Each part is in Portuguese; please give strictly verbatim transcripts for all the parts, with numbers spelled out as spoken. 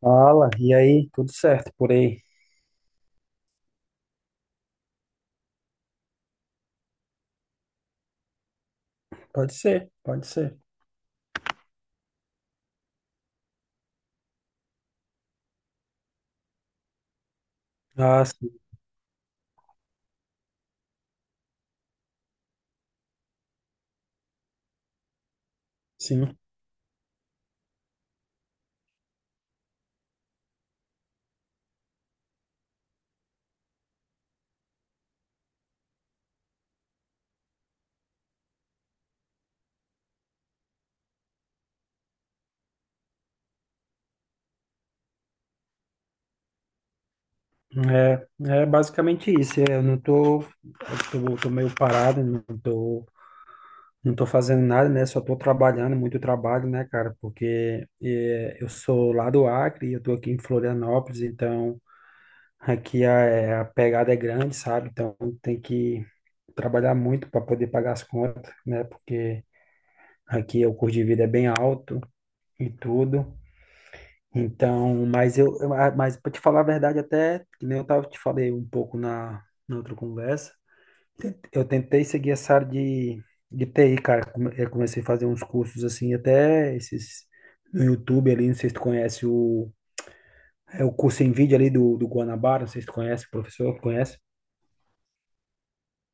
Fala, e aí? Tudo certo por aí? Pode ser, pode ser. Ah, sim, sim. É, é basicamente isso. É, eu não tô, eu tô, tô meio parado, não tô, não tô fazendo nada, né? Só tô trabalhando, muito trabalho, né, cara? Porque é, eu sou lá do Acre, eu tô aqui em Florianópolis, então aqui a, é, a pegada é grande, sabe? Então tem que trabalhar muito para poder pagar as contas, né? Porque aqui o custo de vida é bem alto e tudo. Então, mas eu, eu- ah, mas para te falar a verdade, até que nem eu tava te falei um pouco na, na outra conversa, eu tentei seguir essa área de, de T I, cara. Come- Eu comecei a fazer uns cursos assim, até esses no YouTube ali, não sei se tu conhece o, é o curso em vídeo ali do, do Guanabara, não sei se tu conhece, o professor, conhece?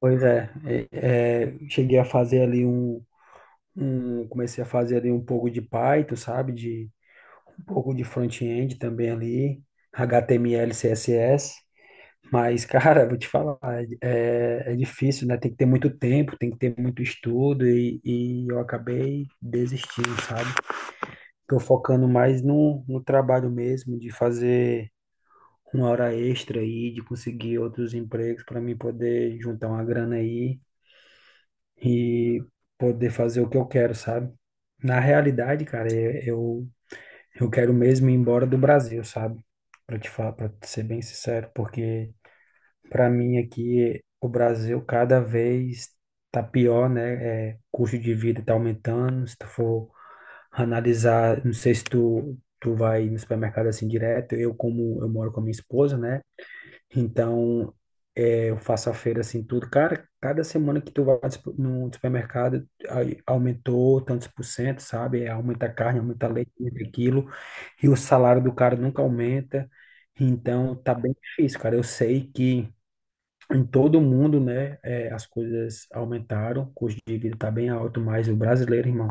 Pois é, é, é, cheguei a fazer ali um, um, comecei a fazer ali um pouco de Python, sabe? De um pouco de front-end também ali, H T M L, C S S. Mas, cara, vou te falar, é, é difícil, né? Tem que ter muito tempo, tem que ter muito estudo e, e eu acabei desistindo, sabe? Tô focando mais no, no trabalho mesmo, de fazer uma hora extra aí, de conseguir outros empregos para mim poder juntar uma grana aí e poder fazer o que eu quero, sabe? Na realidade, cara, eu, eu eu quero mesmo ir embora do Brasil, sabe? Para te falar, para ser bem sincero, porque para mim aqui, o Brasil cada vez tá pior, né? É, custo de vida tá aumentando. Se tu for analisar, não sei se tu, tu vai no supermercado assim direto. Eu, como eu moro com a minha esposa, né? Então, é, eu faço a feira assim tudo. Cara, cada semana que tu vai no supe- no supermercado, aí aumentou tantos por cento, sabe? É, aumenta a carne, aumenta a leite, aumenta aquilo. E o salário do cara nunca aumenta. Então, tá bem difícil, cara. Eu sei que em todo o mundo, né, é, as coisas aumentaram, o custo de vida está bem alto, mas o brasileiro, irmão,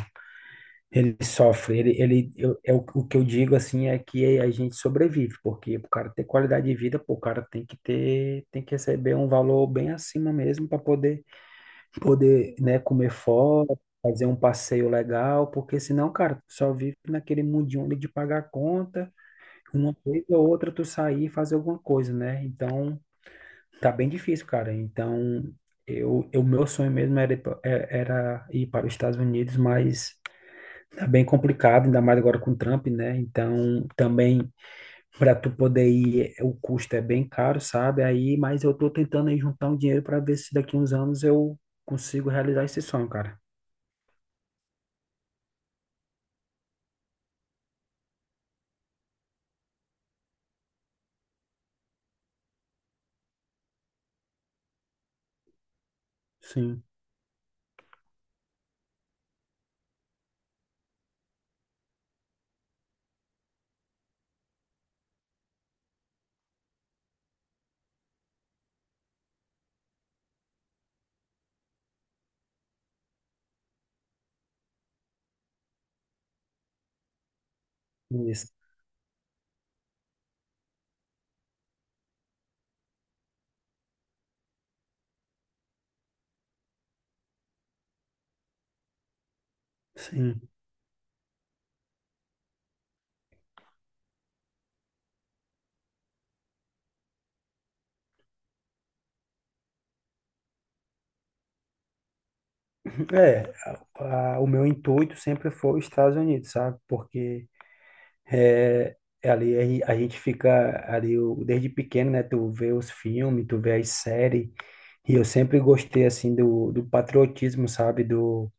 ele sofre, ele, ele eu, é o, o que eu digo, assim, é que a gente sobrevive, porque o cara ter qualidade de vida, pô, o cara tem que ter, tem que receber um valor bem acima mesmo para poder, poder, né, comer fora, fazer um passeio legal, porque senão, cara, tu só vive naquele mundinho ali de pagar conta, uma vez ou outra tu sair e fazer alguma coisa, né, então. Tá bem difícil, cara. Então, eu, eu meu sonho mesmo era ir, pa- é- era ir para os Estados Unidos, mas tá bem complicado, ainda mais agora com o Trump, né? Então, também para tu poder ir, é- o custo é bem caro, sabe? Aí, mas eu tô tentando aí juntar um dinheiro para ver se daqui uns anos eu consigo realizar esse sonho, cara. Sim, isso. Sim. É, a- a- o meu intuito sempre foi os Estados Unidos, sabe? Porque É, é ali a gen- a gente fica ali, o- desde pequeno, né? Tu vê os filmes, tu vê as séries, e eu sempre gostei assim do, do patriotismo, sabe? Do,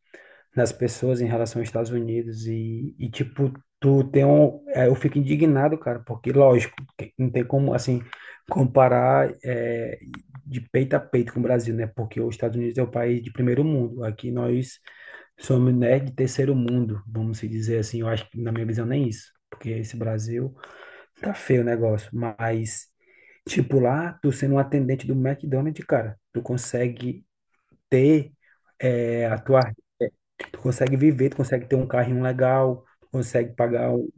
das pessoas em relação aos Estados Unidos e, e tipo, tu tem um, é, eu fico indignado, cara, porque lógico, que não tem como assim comparar é, de peito a peito com o Brasil, né? Porque os Estados Unidos é o país de primeiro mundo, aqui nós somos, né, de terceiro mundo, vamos se dizer assim. Eu acho que, na minha visão, nem isso. Porque esse Brasil tá feio o negócio. Mas, tipo, lá, tu sendo um atendente do McDonald's, cara, tu consegue ter é, a tua. Tu consegue viver, tu consegue ter um carrinho legal, tu consegue pagar, um-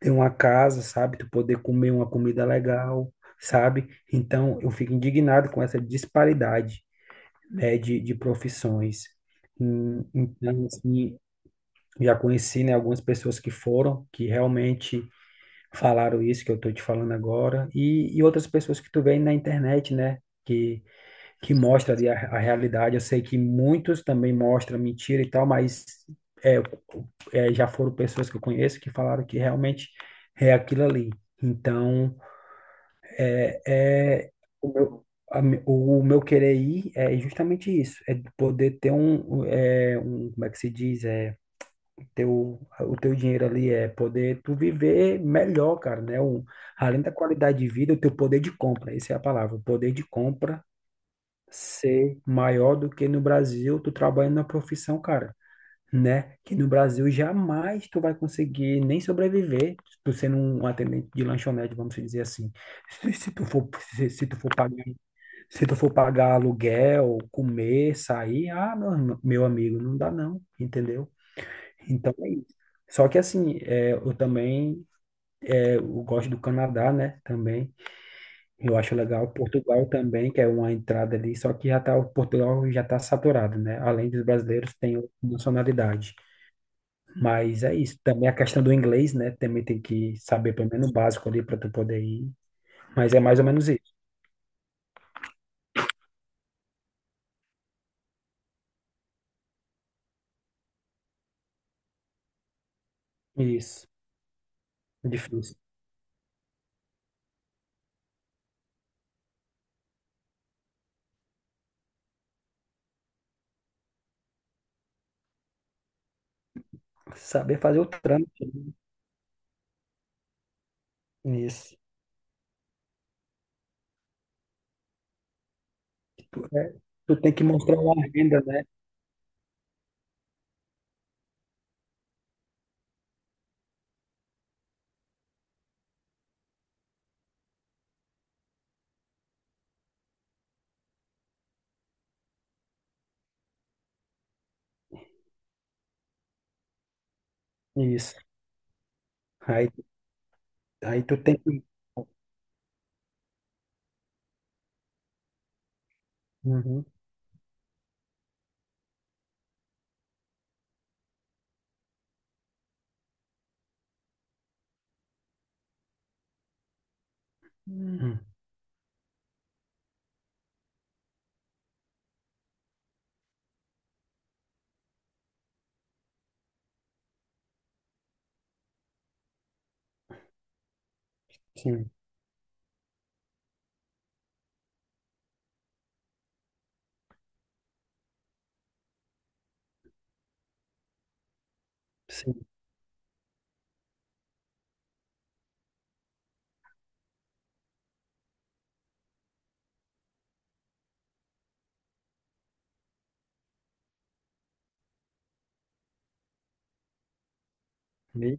ter uma casa, sabe? Tu poder comer uma comida legal, sabe? Então, eu fico indignado com essa disparidade, né, de, de profissões. Hum, Então, assim, já conheci, né, algumas pessoas que foram, que realmente falaram isso que eu estou te falando agora, e, e outras pessoas que tu vê na internet, né, que, que mostra ali a, a realidade. Eu sei que muitos também mostram mentira e tal, mas é, é, já foram pessoas que eu conheço que falaram que realmente é aquilo ali. Então, é, o meu, a me- o meu querer ir é justamente isso, é poder ter um, é, um, como é que se diz? É, teu, o teu dinheiro ali é poder tu viver melhor, cara, né? O, além da qualidade de vida, o teu poder de compra, essa é a palavra, o poder de compra ser maior do que no Brasil, tu trabalhando na profissão, cara, né? Que no Brasil jamais tu vai conseguir nem sobreviver, tu sendo um atendente de lanchonete, vamos dizer assim. Se, se tu for, se, se tu for pagar, se tu for pagar aluguel, comer, sair, ah, meu, meu amigo, não dá não, entendeu? Então é isso. Só que assim, é, eu também é, eu gosto do Canadá, né? Também. Eu acho legal. Portugal também, que é uma entrada ali, só que já tá, o Portugal já está saturado, né? Além dos brasileiros, tem outra nacionalidade. Mas é isso. Também a questão do inglês, né? Também tem que saber pelo menos o básico ali para tu poder ir. Mas é mais ou menos isso. Isso. É difícil. Saber fazer o trâmite, né? Isso. Tu, é, tu tem que mostrar uma renda, né? Isso. Aí, aí tu tem que. Uhum. Hum, sim, sim, meio.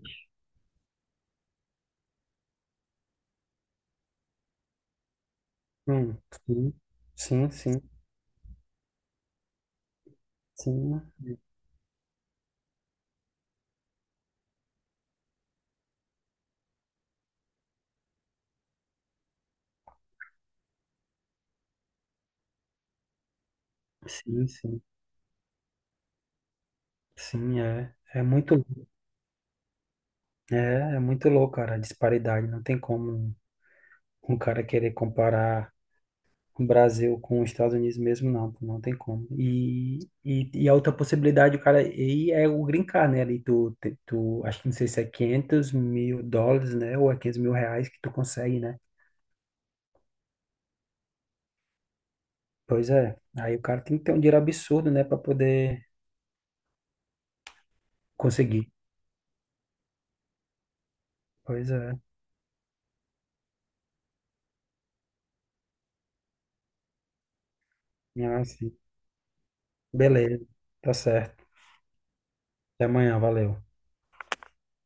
Hum, sim, sim, sim, sim, sim, sim, sim, é, é muito, é, é muito louco, cara, a disparidade, não tem como um cara querer comparar o Brasil com os Estados Unidos mesmo, não, pô, não tem como, e, e, e a outra possibilidade, o cara, e é o green card, né, ali tu, te- tu, acho que não sei se é quinhentos mil dólares, né, ou é quinhentos mil reais que tu consegue, né, pois é, aí o cara tem que ter um dinheiro absurdo, né, pra poder conseguir. Pois é. Ah, sim. Beleza. Tá certo. Até amanhã. Valeu.